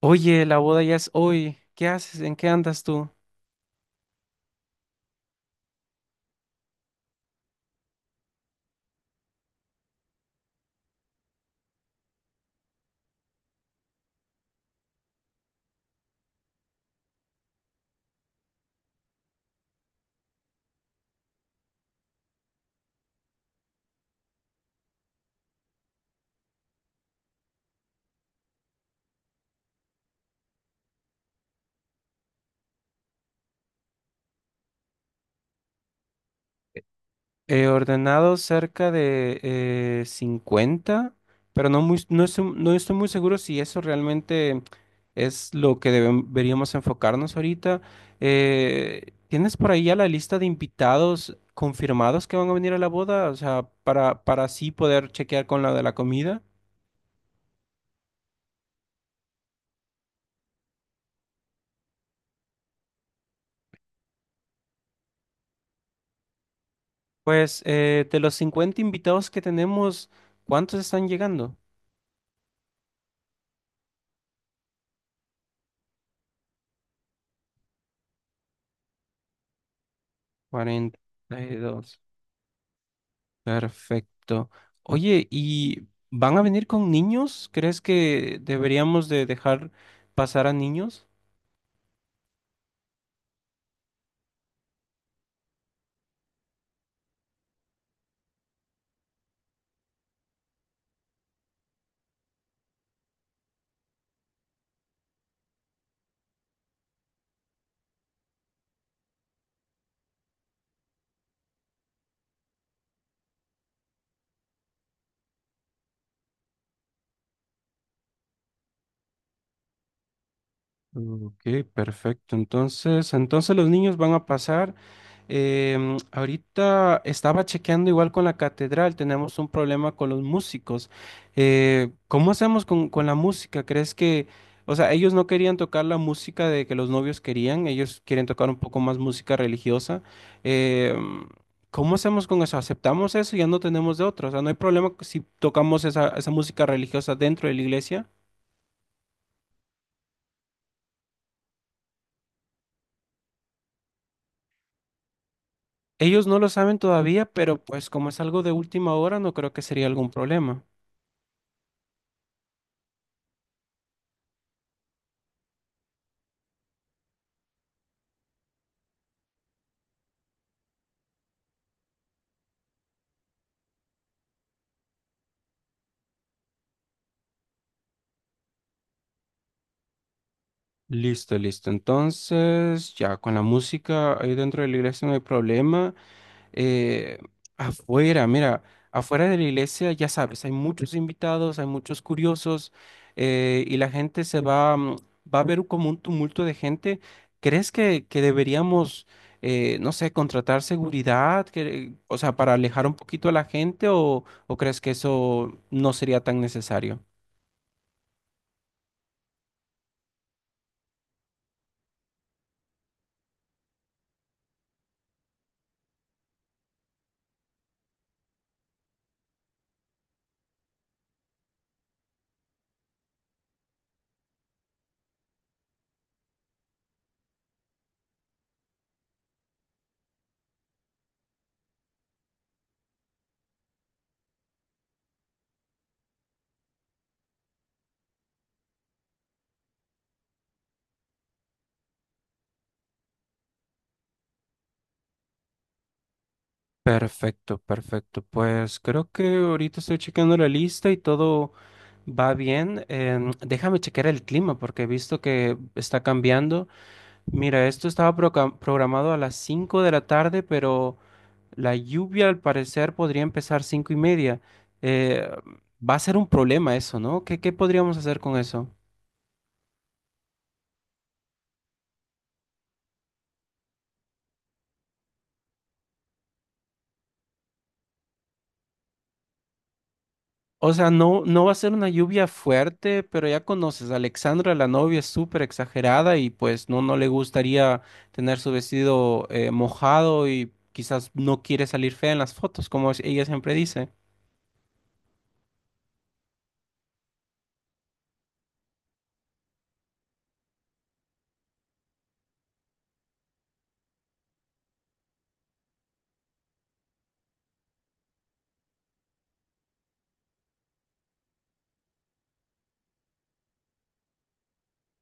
Oye, la boda ya es hoy. ¿Qué haces? ¿En qué andas tú? He ordenado cerca de 50, pero no estoy muy seguro si eso realmente es lo que deberíamos enfocarnos ahorita. ¿Tienes por ahí ya la lista de invitados confirmados que van a venir a la boda? O sea, para así poder chequear con la de la comida. Pues de los 50 invitados que tenemos, ¿cuántos están llegando? 42. Perfecto. Oye, ¿y van a venir con niños? ¿Crees que deberíamos de dejar pasar a niños? Ok, perfecto. Entonces, los niños van a pasar. Ahorita estaba chequeando igual con la catedral, tenemos un problema con los músicos. ¿Cómo hacemos con la música? ¿Crees que, o sea, ellos no querían tocar la música de que los novios querían, ellos quieren tocar un poco más música religiosa? Em, ¿Cómo hacemos con eso? ¿Aceptamos eso y ya no tenemos de otra? O sea, no hay problema si tocamos esa música religiosa dentro de la iglesia. Ellos no lo saben todavía, pero pues como es algo de última hora, no creo que sería algún problema. Listo, listo. Entonces, ya con la música ahí dentro de la iglesia no hay problema. Eh, Afuera, mira, afuera de la iglesia, ya sabes, hay muchos invitados, hay muchos curiosos y la gente se va, va a ver como un tumulto de gente. ¿Crees que, deberíamos, no sé, contratar seguridad, que, o sea, para alejar un poquito a la gente o crees que eso no sería tan necesario? Perfecto, perfecto. Pues creo que ahorita estoy checando la lista y todo va bien. Déjame checar el clima porque he visto que está cambiando. Mira, esto estaba programado a las 5 de la tarde, pero la lluvia al parecer podría empezar 5 y media. Eh, Va a ser un problema eso, ¿no? ¿Qué, podríamos hacer con eso? O sea, no va a ser una lluvia fuerte, pero ya conoces, Alexandra, la novia, es súper exagerada y pues no le gustaría tener su vestido mojado y quizás no quiere salir fea en las fotos, como ella siempre dice.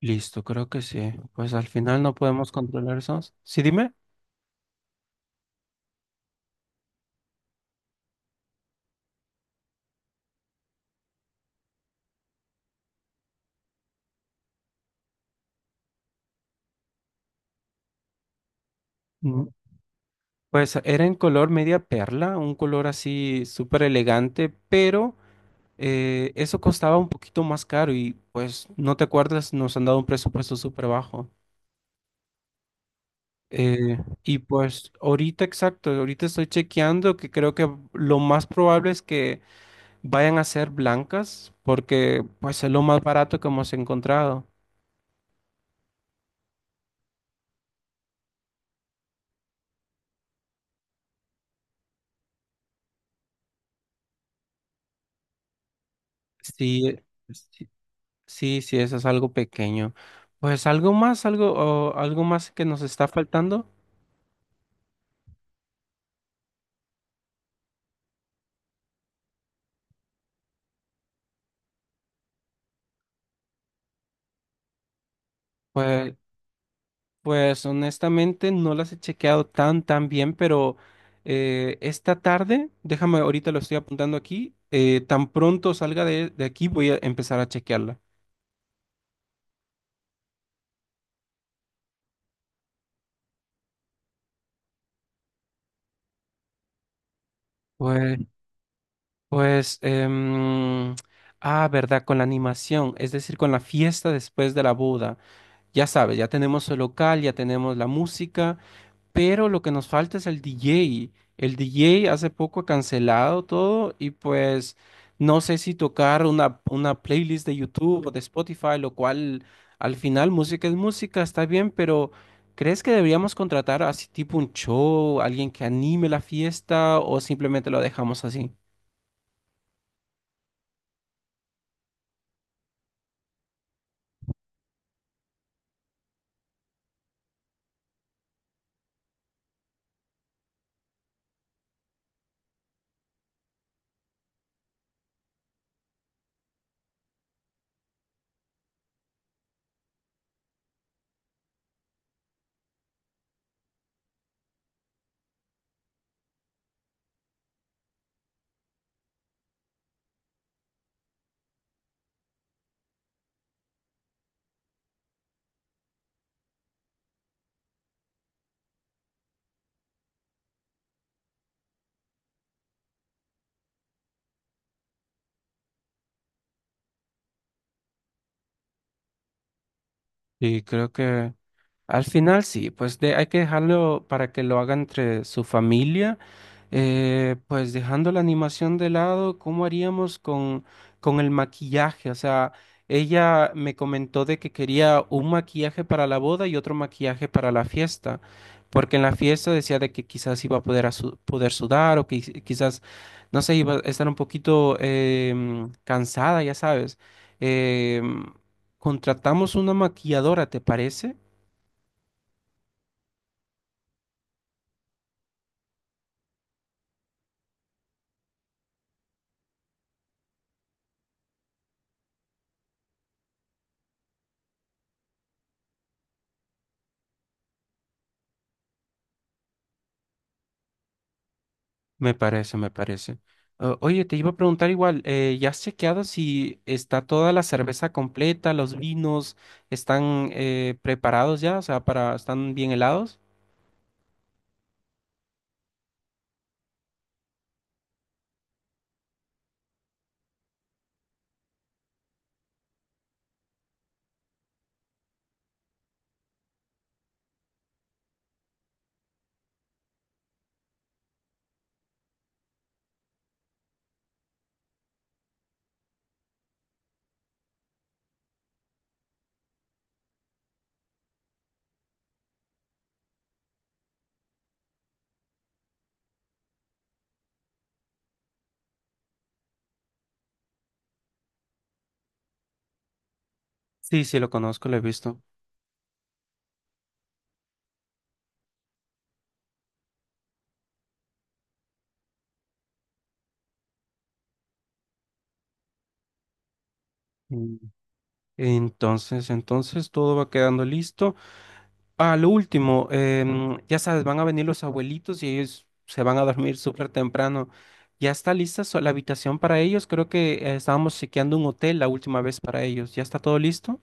Listo, creo que sí. Pues al final no podemos controlar eso. Sí, dime. Mm. Pues era en color media perla, un color así súper elegante, pero eso costaba un poquito más caro y pues no te acuerdas, nos han dado un presupuesto súper bajo. Eh, y pues ahorita exacto, ahorita estoy chequeando que creo que lo más probable es que vayan a ser blancas porque pues es lo más barato que hemos encontrado. Sí, sí, sí, sí, eso es algo pequeño. Pues algo más, algo, o algo más que nos está faltando. Pues, pues honestamente no las he chequeado tan bien, pero esta tarde, déjame, ahorita lo estoy apuntando aquí, tan pronto salga de aquí voy a empezar a chequearla. Pues, pues, em, Verdad, con la animación, es decir, con la fiesta después de la boda. Ya sabes, ya tenemos el local, ya tenemos la música, pero lo que nos falta es el DJ. El DJ hace poco ha cancelado todo y pues no sé si tocar una, playlist de YouTube o de Spotify, lo cual al final música es música, está bien, pero ¿crees que deberíamos contratar así tipo un show, alguien que anime la fiesta o simplemente lo dejamos así? Y creo que al final sí, pues de, hay que dejarlo para que lo haga entre su familia. Pues dejando la animación de lado, ¿cómo haríamos con, el maquillaje? O sea, ella me comentó de que quería un maquillaje para la boda y otro maquillaje para la fiesta, porque en la fiesta decía de que quizás iba a poder, poder sudar o que quizás, no sé, iba a estar un poquito cansada, ya sabes. Em, Contratamos una maquilladora, ¿te parece? Me parece, me parece. Oye, te iba a preguntar igual, ¿ya has chequeado si está toda la cerveza completa, los vinos están preparados ya? O sea, para, ¿están bien helados? Sí, sí, lo conozco, lo he visto. Mm. Entonces, todo va quedando listo. A lo último, ya sabes, van a venir los abuelitos y ellos se van a dormir súper temprano. ¿Ya está lista la habitación para ellos? Creo que estábamos chequeando un hotel la última vez para ellos. ¿Ya está todo listo?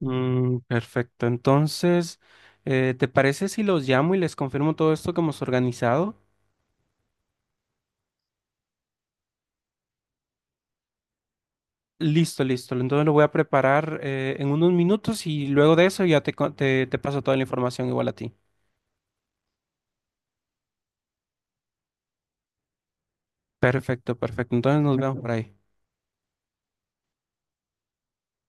Mm, perfecto. Entonces, ¿te parece si los llamo y les confirmo todo esto que hemos organizado? Listo, listo. Entonces lo voy a preparar en unos minutos y luego de eso ya te paso toda la información igual a ti. Perfecto, perfecto. Entonces nos vemos por ahí.